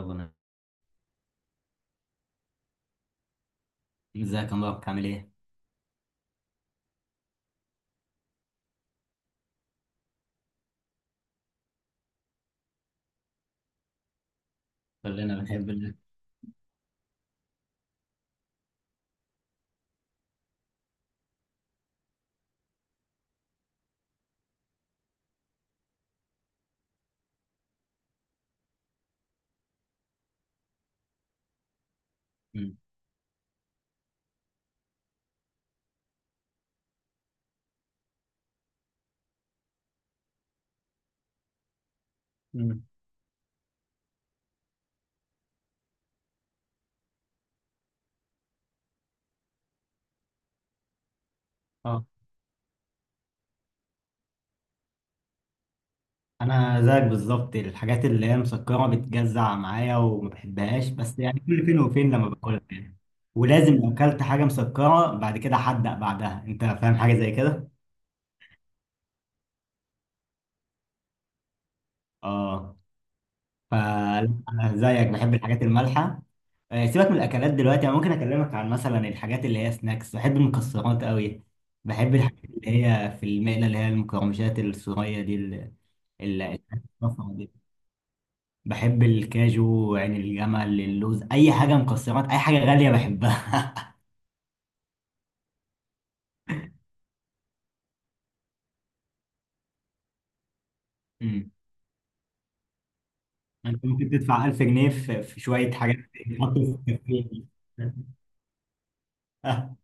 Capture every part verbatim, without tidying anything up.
ربنا. ازيك يا مبارك، عامل ايه؟ كلنا بنحب الله. مم. مم. اه، انا زيك بالظبط، الحاجات اللي هي مسكره بتجزع معايا وما بحبهاش، بس يعني كل فين وفين لما باكلها يعني. ولازم لو اكلت حاجه مسكره بعد كده حدق بعدها. انت فاهم حاجه زي كده؟ اه، فأنا زيك بحب الحاجات المالحة. آه، سيبك من الأكلات دلوقتي، أنا ممكن أكلمك عن مثلا الحاجات اللي هي سناكس. بحب المكسرات قوي. بحب الحاجات اللي هي في المقلة، اللي هي المقرمشات الصغيرة دي، ال- ال- الرفع دي. بحب الكاجو، عين الجمل، اللوز، أي حاجة مكسرات، أي حاجة غالية بحبها. أمم. أنت ممكن تدفع ألف جنيه في في شوية حاجات يتحطوا في الكافيه دي. آه،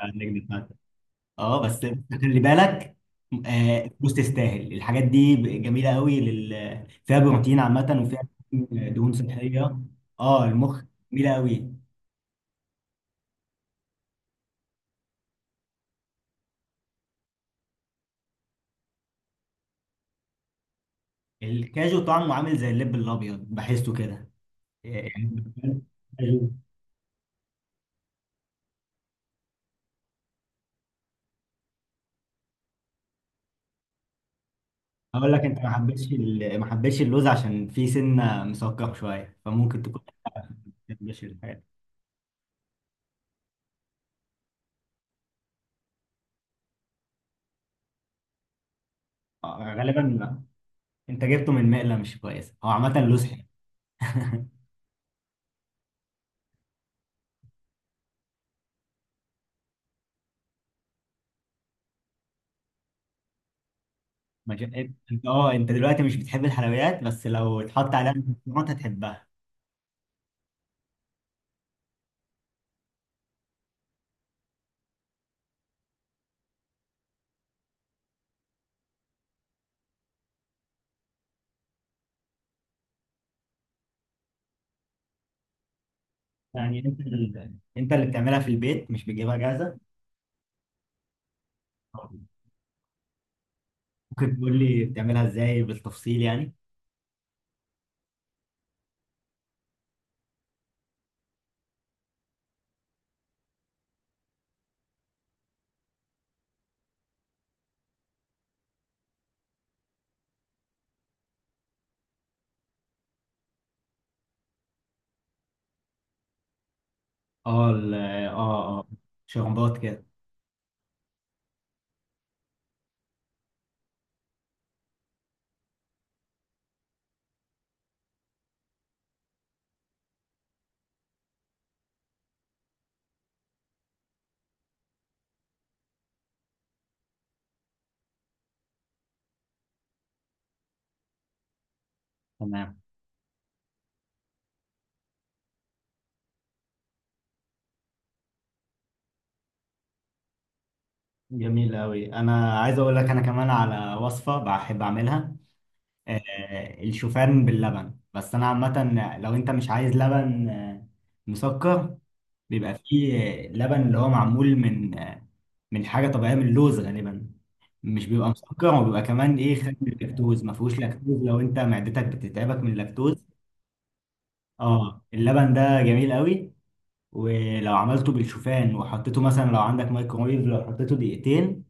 عندك، دفعت. اه بس، خلي بالك. آه، الفلوس تستاهل، الحاجات دي ب- جميله قوي، لل... فيها بروتين عامه، وفيها دهون صحيه. اه، المخ، جميله قوي. الكاجو طعمه عامل زي اللب الابيض، بحسه كده. آه، يعني الكاجو- اقول لك، انت ما حبيتش ال- ما حبيتش اللوز عشان فيه سنه مسكر شويه، فممكن تكون ما بتحبش الحاجات. آه، غالبا انت جبته من مقله مش كويسه. هو عامه اللوز حلو. مش انت، أنت- اه، انت دلوقتي مش بتحب الحلويات، بس لو اتحط عليها مكسرات هتحبها. يعني انت ال... انت اللي بتعملها في البيت، مش بتجيبها جاهزه؟ ممكن تقول لي بتعملها ازاي بالتفصيل يعني؟ اه ال... اه، اه، شربات كده. تمام. جميل قوي. انا عايز اقول لك: انا كمان على وصفه بحب اعملها. آه الشوفان باللبن، بس انا عامه لو انت مش عايز لبن آه، مسكر، بيبقى فيه لبن اللي هو معمول من من حاجة طبيعية، من اللوز غالبا. مش بيبخ- بيبقى مسكر، وبيبقى كمان ايه، خالي من اللاكتوز، ما فيهوش لاكتوز لو انت معدتك بتتعبك من اللاكتوز. اه، اللبن ده جميل قوي. ولو عملته بالشوفان وحطيته، مثلا لو عندك مايكرويف، لو حطيته دقيقتين،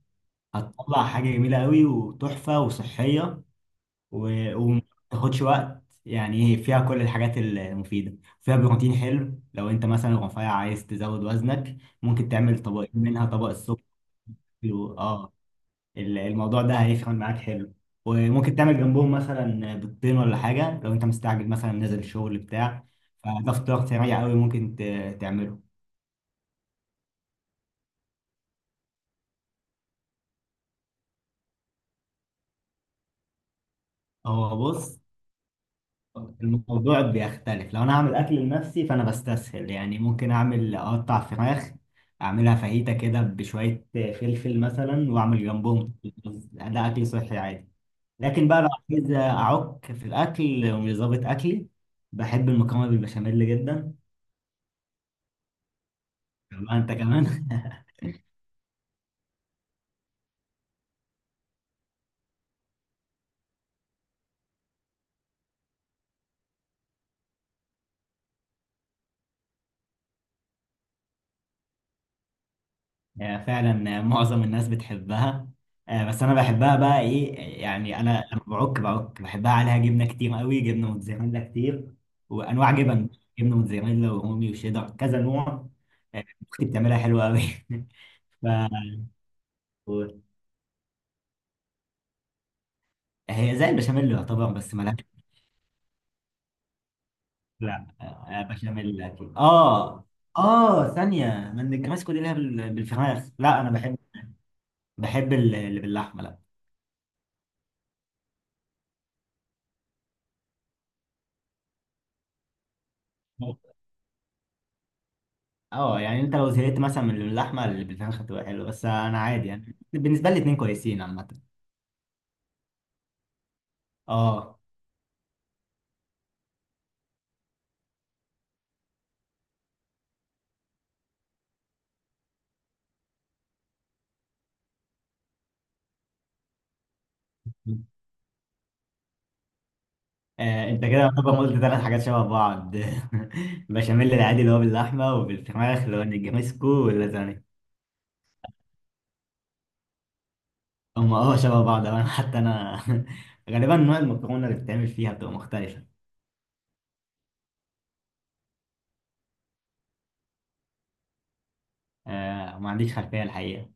هتطلع حاجة جميلة قوي وتحفة وصحية، و- وما بتاخدش وقت يعني. ايه، فيها كل الحاجات المفيدة، فيها بروتين حلو، لو انت مثلا رفيع عايز تزود وزنك ممكن تعمل طبقين منها، طبق الصبح و- اه، ال- الموضوع ده هيفرق معاك حلو. وممكن تعمل جنبهم مثلا بيضتين ولا حاجة، لو انت مستعجل مثلا نازل الشغل بتاع، فده فطار سريع قوي ممكن ت- تعمله. هو بص، الموضوع بيختلف. لو انا هعمل اكل لنفسي، فانا بستسهل، يعني ممكن اعمل اقطع فراخ، اعملها فاهيتا كده بشوية فلفل مثلا، واعمل جنبهم رز. ده اكل صحي عادي. لكن بقى لو عايز اعك في الاكل ومش ظابط اكلي، بحب المكرونة بالبشاميل جدا. طب انت كمان؟ آه، فعلا. آه، معظم الناس بتحبها. آه، بس انا بحبها بقى ايه، يعني انا لما بعك بعك بحبها عليها جبنه كتير قوي، جبنه موتزاريلا كتير، وانواع جبن، جبنه موتزاريلا ورومي وشيدر، كذا نوع. آه، اختي بتعملها حلوه قوي. ف هي زي البشاميل يعتبر، بس ملهاش. لا، آه، بشاميل اكيد. اه. اه، ثانيه من الكريسكو دي اللي هي بال- بالفراخ. لا، انا بحب بحب ال- اللي باللحمه. لا، اه، يعني انت لو زهقت مثلا من اللحمه، البتنجان هتبقى حلوه، بس انا عادي، يعني بالنسبه لي الاتنين كويسين عامه. اه، آه، انت كده طبعا قلت ثلاث حاجات شبه بعض. بشاميل العادي اللي هو باللحمه، وبالفراخ اللي هو النجريسكو، واللازانيا. هم، اه، شبه بعض. أو انا، حتى انا غالبا نوع المكرونه اللي بتتعمل فيها بتبقى مختلفه. آه ما عنديش خلفيه الحقيقه.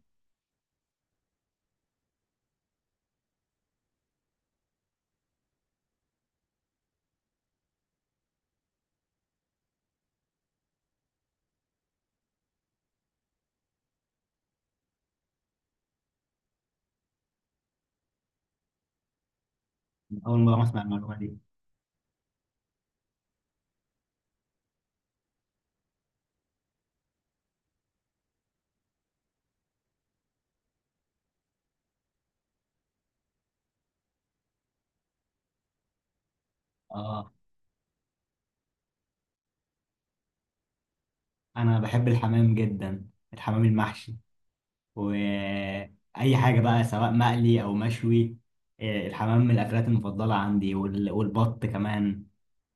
اول مره اسمع المعلومه دي. اه، انا بحب الحمام جدا، الحمام المحشي، واي حاجه بقى سواء مقلي او مشوي. آه، الحمام من الاكلات المفضله عندي، وال- والبط كمان.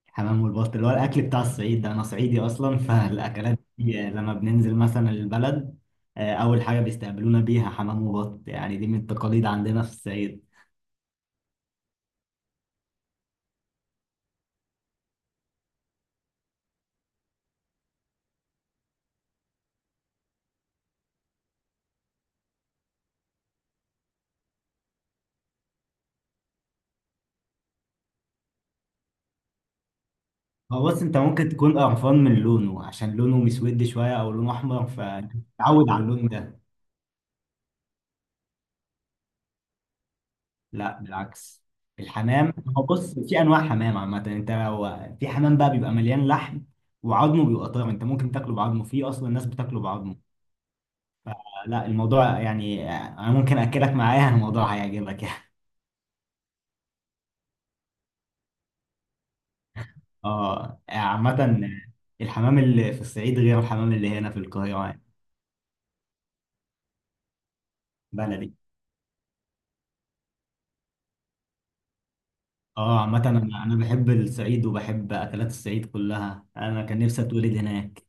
الحمام والبط اللي هو الاكل بتاع الصعيد، ده انا صعيدي اصلا. فالاكلات دي آه، لما بننزل مثلا البلد، آه، اول حاجه بيستقبلونا بيها حمام وبط. يعني دي من التقاليد عندنا في الصعيد. هو بص، انت ممكن تكون قرفان من لونه، عشان لونه مسود شويه او لونه احمر، فتعود على اللون ده. لا، بالعكس. الحمام، هو بص، في انواع حمام عامه. انت لو في حمام بقى بيبقى مليان لحم، وعظمه بيبقى طاير، انت ممكن تاكله بعظمه. في اصلا الناس بتاكله بعظمه. لا، الموضوع يعني، انا ممكن اكلك معايا، الموضوع هيعجبك يعني. اه، عامه الحمام اللي في الصعيد غير الحمام اللي هنا في القاهره يعني. بلدي. اه، عامه انا انا بحب الصعيد وبحب اكلات الصعيد كلها. انا كان نفسي اتولد هناك.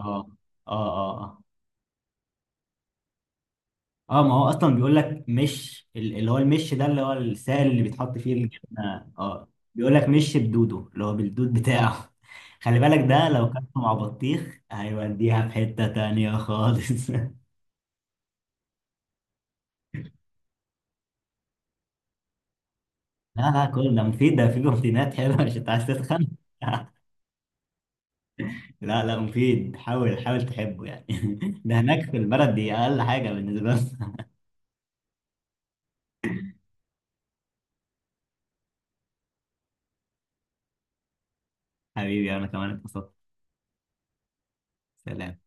اه، اه، اه، آه. اه، ما هو اصلا بيقول لك مش ال- اللي هو المش ده، اللي هو السائل اللي بيتحط فيه الجبنه. اه، بيقول لك مش بدوده، اللي هو بالدود بتاعه. خلي بالك، ده لو كان مع بطيخ هيوديها في حته تانية خالص. لا، لا، كل ده مفيد، ده فيه بروتينات حلوه. مش انت عايز تتخن؟ لا، لا، مفيد. حاول حاول تحبه يعني. ده هناك في البلد دي اقل حاجه بالنسبه لنا. حبيبي، انا كمان اتبسطت. سلام.